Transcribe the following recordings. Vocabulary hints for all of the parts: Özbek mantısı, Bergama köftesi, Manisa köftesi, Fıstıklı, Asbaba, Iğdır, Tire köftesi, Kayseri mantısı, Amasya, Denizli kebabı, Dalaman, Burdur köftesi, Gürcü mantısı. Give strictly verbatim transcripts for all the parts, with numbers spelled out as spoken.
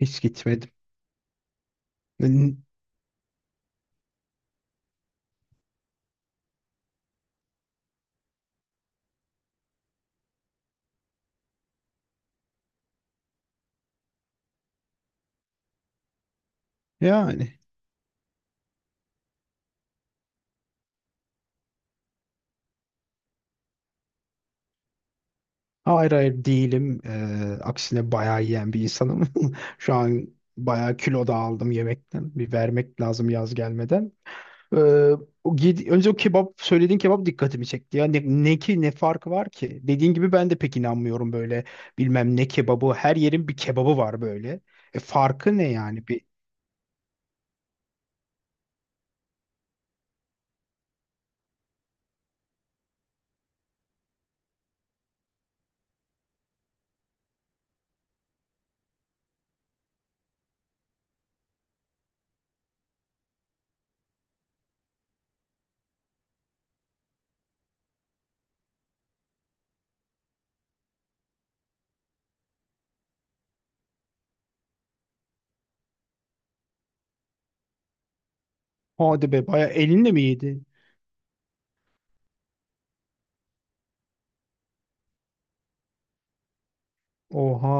Hiç gitmedim. N- Yani hayır hayır değilim. Ee, aksine bayağı yiyen bir insanım. Şu an bayağı kilo da aldım yemekten. Bir vermek lazım yaz gelmeden. Ee, o yedi- Önce o kebap, söylediğin kebap dikkatimi çekti. Ya ne, ne ki, ne farkı var ki? Dediğin gibi ben de pek inanmıyorum böyle bilmem ne kebabı. Her yerin bir kebabı var böyle. E, farkı ne yani? Bir, hadi be, bayağı elinle mi yedin? Oha.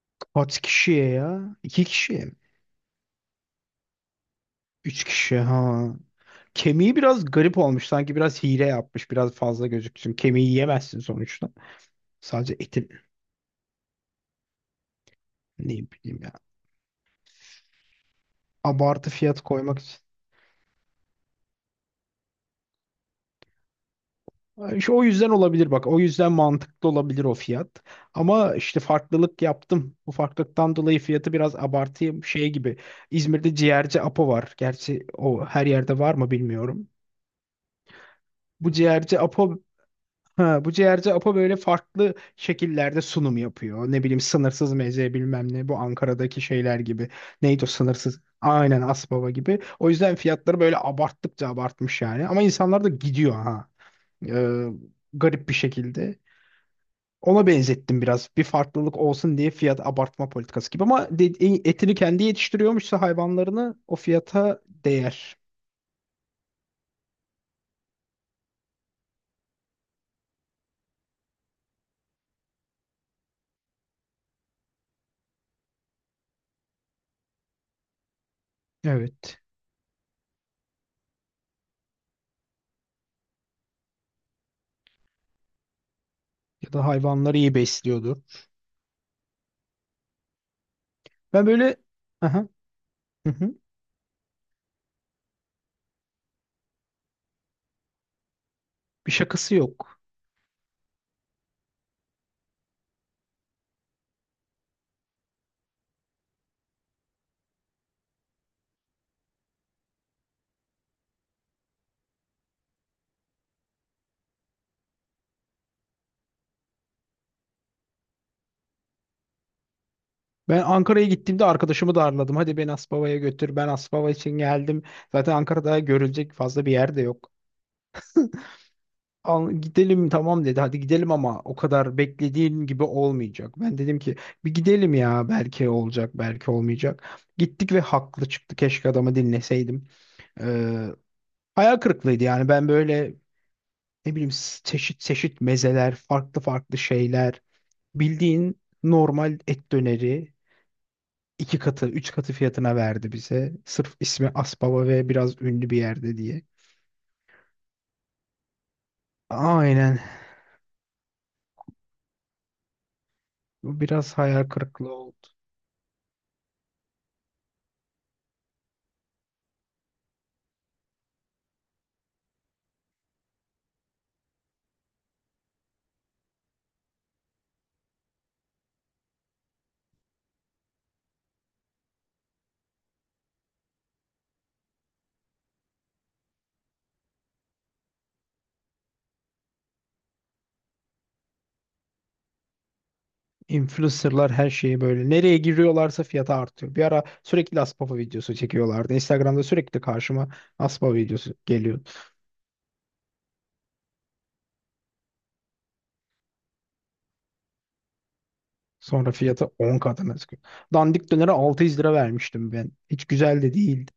Kaç kişiye ya? İki kişiye mi? Üç kişi ha. Kemiği biraz garip olmuş. Sanki biraz hile yapmış. Biraz fazla gözüksün. Kemiği yiyemezsin sonuçta. Sadece etin, ne bileyim ya. Abartı fiyat koymak için. İşte o yüzden olabilir bak. O yüzden mantıklı olabilir o fiyat. Ama işte farklılık yaptım. Bu farklılıktan dolayı fiyatı biraz abartayım. Şey gibi. İzmir'de ciğerci Apo var. Gerçi o her yerde var mı bilmiyorum. Bu ciğerci Apo, ha, bu ciğerci Apo böyle farklı şekillerde sunum yapıyor. Ne bileyim sınırsız meze, bilmem ne, bu Ankara'daki şeyler gibi. Neydi o sınırsız? Aynen Asbaba gibi. O yüzden fiyatları böyle abarttıkça abartmış yani. Ama insanlar da gidiyor ha. Ee, Garip bir şekilde. Ona benzettim biraz. Bir farklılık olsun diye fiyat abartma politikası gibi. Ama de- e, etini kendi yetiştiriyormuşsa hayvanlarını o fiyata değer. Evet. Ya da hayvanları iyi besliyordu. Ben böyle... Aha. Hı hı. Bir şakası yok. Ben Ankara'ya gittiğimde arkadaşımı darladım. Hadi beni Asbaba'ya götür. Ben Asbaba için geldim. Zaten Ankara'da görülecek fazla bir yer de yok. Al, gidelim tamam dedi. Hadi gidelim ama o kadar beklediğin gibi olmayacak. Ben dedim ki bir gidelim ya, belki olacak belki olmayacak. Gittik ve haklı çıktı. Keşke adamı dinleseydim. Ee, Hayal kırıklığıydı yani. Ben böyle, ne bileyim s- çeşit çeşit mezeler, farklı farklı şeyler. Bildiğin normal et döneri iki katı, üç katı fiyatına verdi bize. Sırf ismi Aspava ve biraz ünlü bir yerde diye. Aynen. Bu biraz hayal kırıklığı oldu. Influencerlar her şeyi böyle. Nereye giriyorlarsa fiyatı artıyor. Bir ara sürekli Aspava videosu çekiyorlardı. Instagram'da sürekli karşıma Aspava videosu geliyordu. Sonra fiyatı on katına çıkıyor. Dandik dönere altı yüz lira vermiştim ben. Hiç güzel de değildi.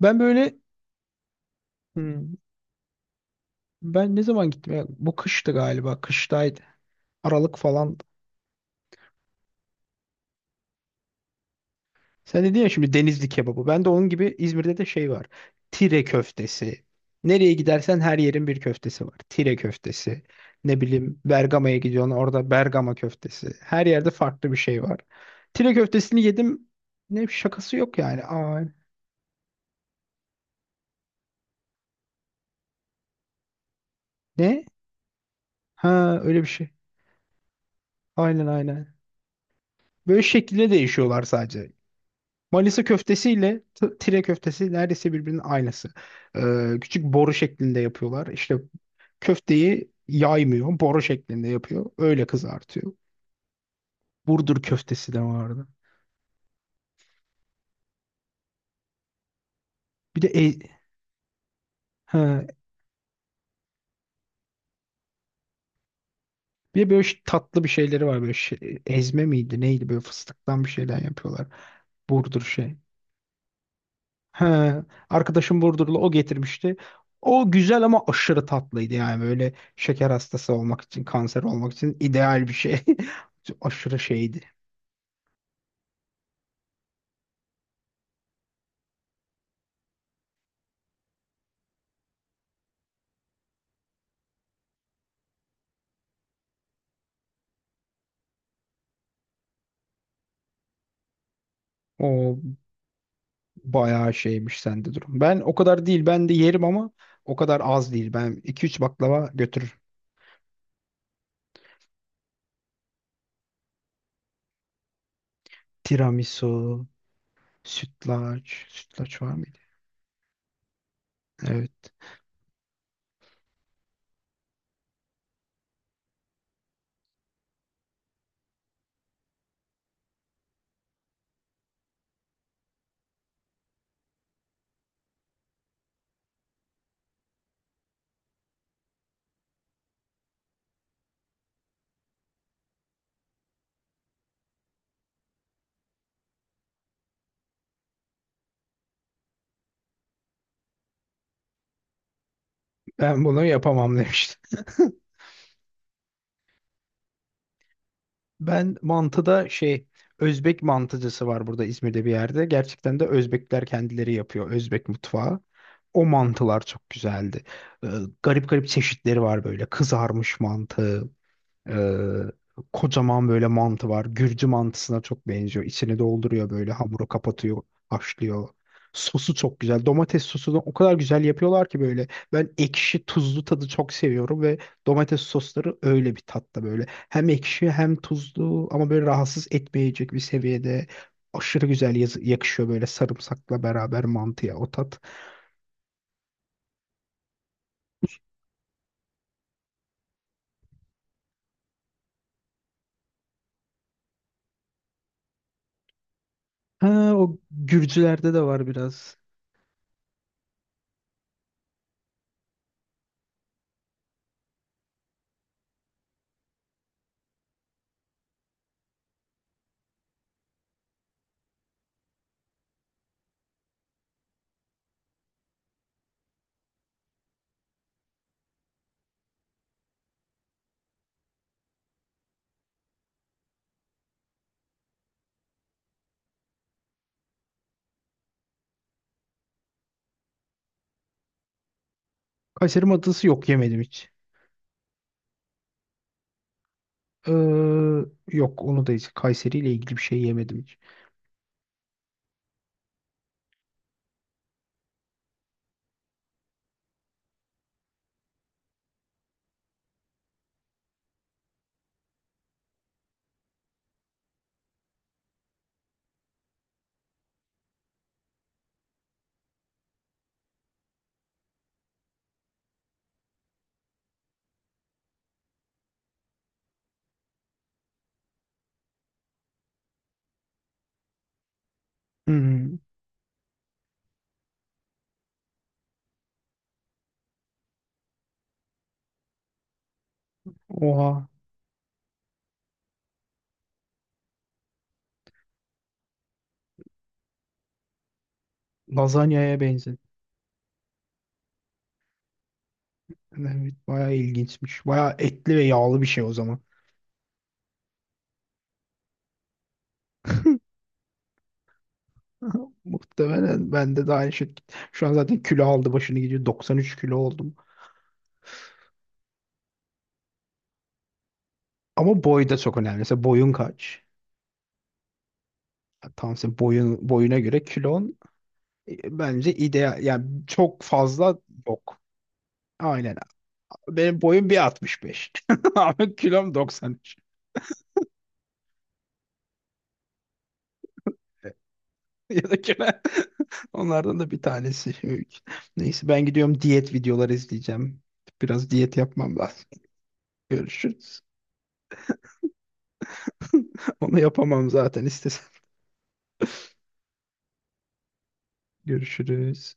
Ben böyle, hmm, ben ne zaman gittim? Ya, bu kıştı galiba. Kıştaydı. Aralık falan. Sen dedin ya şimdi Denizli kebabı. Ben de onun gibi İzmir'de de şey var. Tire köftesi. Nereye gidersen her yerin bir köftesi var. Tire köftesi. Ne bileyim Bergama'ya gidiyorsun, orada Bergama köftesi. Her yerde farklı bir şey var. Tire köftesini yedim. Ne şakası yok yani. Aa, ne? Ha, öyle bir şey. Aynen aynen. böyle şekilde değişiyorlar sadece. Manisa köftesiyle t- tire köftesi neredeyse birbirinin aynısı. Ee, küçük boru şeklinde yapıyorlar. İşte köfteyi yaymıyor, boru şeklinde yapıyor. Öyle kızartıyor. Burdur köftesi de vardı. Bir de e- ha, bir de böyle ş- tatlı bir şeyleri var böyle şey- ezme miydi neydi, böyle fıstıktan bir şeyler yapıyorlar. Burdur şey. He, arkadaşım Burdurlu, o getirmişti. O güzel ama aşırı tatlıydı yani, böyle şeker hastası olmak için, kanser olmak için ideal bir şey. Aşırı şeydi. O bayağı şeymiş sende durum. Ben o kadar değil. Ben de yerim ama o kadar az değil. Ben iki üç baklava götürürüm. Tiramisu, sütlaç. Sütlaç var mıydı? Evet. Ben bunu yapamam demiştim. Ben mantıda şey, Özbek mantıcısı var burada İzmir'de bir yerde. Gerçekten de Özbekler kendileri yapıyor, Özbek mutfağı. O mantılar çok güzeldi. Ee, Garip garip çeşitleri var böyle. Kızarmış mantı, ee, kocaman böyle mantı var. Gürcü mantısına çok benziyor. İçini dolduruyor, böyle hamuru kapatıyor, haşlıyor. Sosu çok güzel. Domates sosunu o kadar güzel yapıyorlar ki böyle. Ben ekşi tuzlu tadı çok seviyorum ve domates sosları öyle bir tatta böyle. Hem ekşi hem tuzlu ama böyle rahatsız etmeyecek bir seviyede. Aşırı güzel yaz- yakışıyor böyle sarımsakla beraber mantıya o tat. Ha, o Gürcülerde de var biraz. Kayseri mantısı, yok yemedim hiç. Ee, Yok, onu da hiç, Kayseri ile ilgili bir şey yemedim hiç. Hmm, oha, lazanyaya benzi. Evet bayağı ilginçmiş. Bayağı etli ve yağlı bir şey o zaman. Muhtemelen bende de aynı şey. Şu an zaten kilo aldı başını gidiyor. doksan üç kilo oldum. Ama boy da çok önemli. Mesela boyun kaç? Ya tam senin boyun, boyuna göre kilon, e, bence ideal. Yani çok fazla yok. Aynen. Benim boyum bir altmış beş. Ama kilom doksan üç. Ya da kilo. Onlardan da bir tanesi. Neyse ben gidiyorum, diyet videoları izleyeceğim. Biraz diyet yapmam lazım. Görüşürüz. Onu yapamam zaten istesem. Görüşürüz.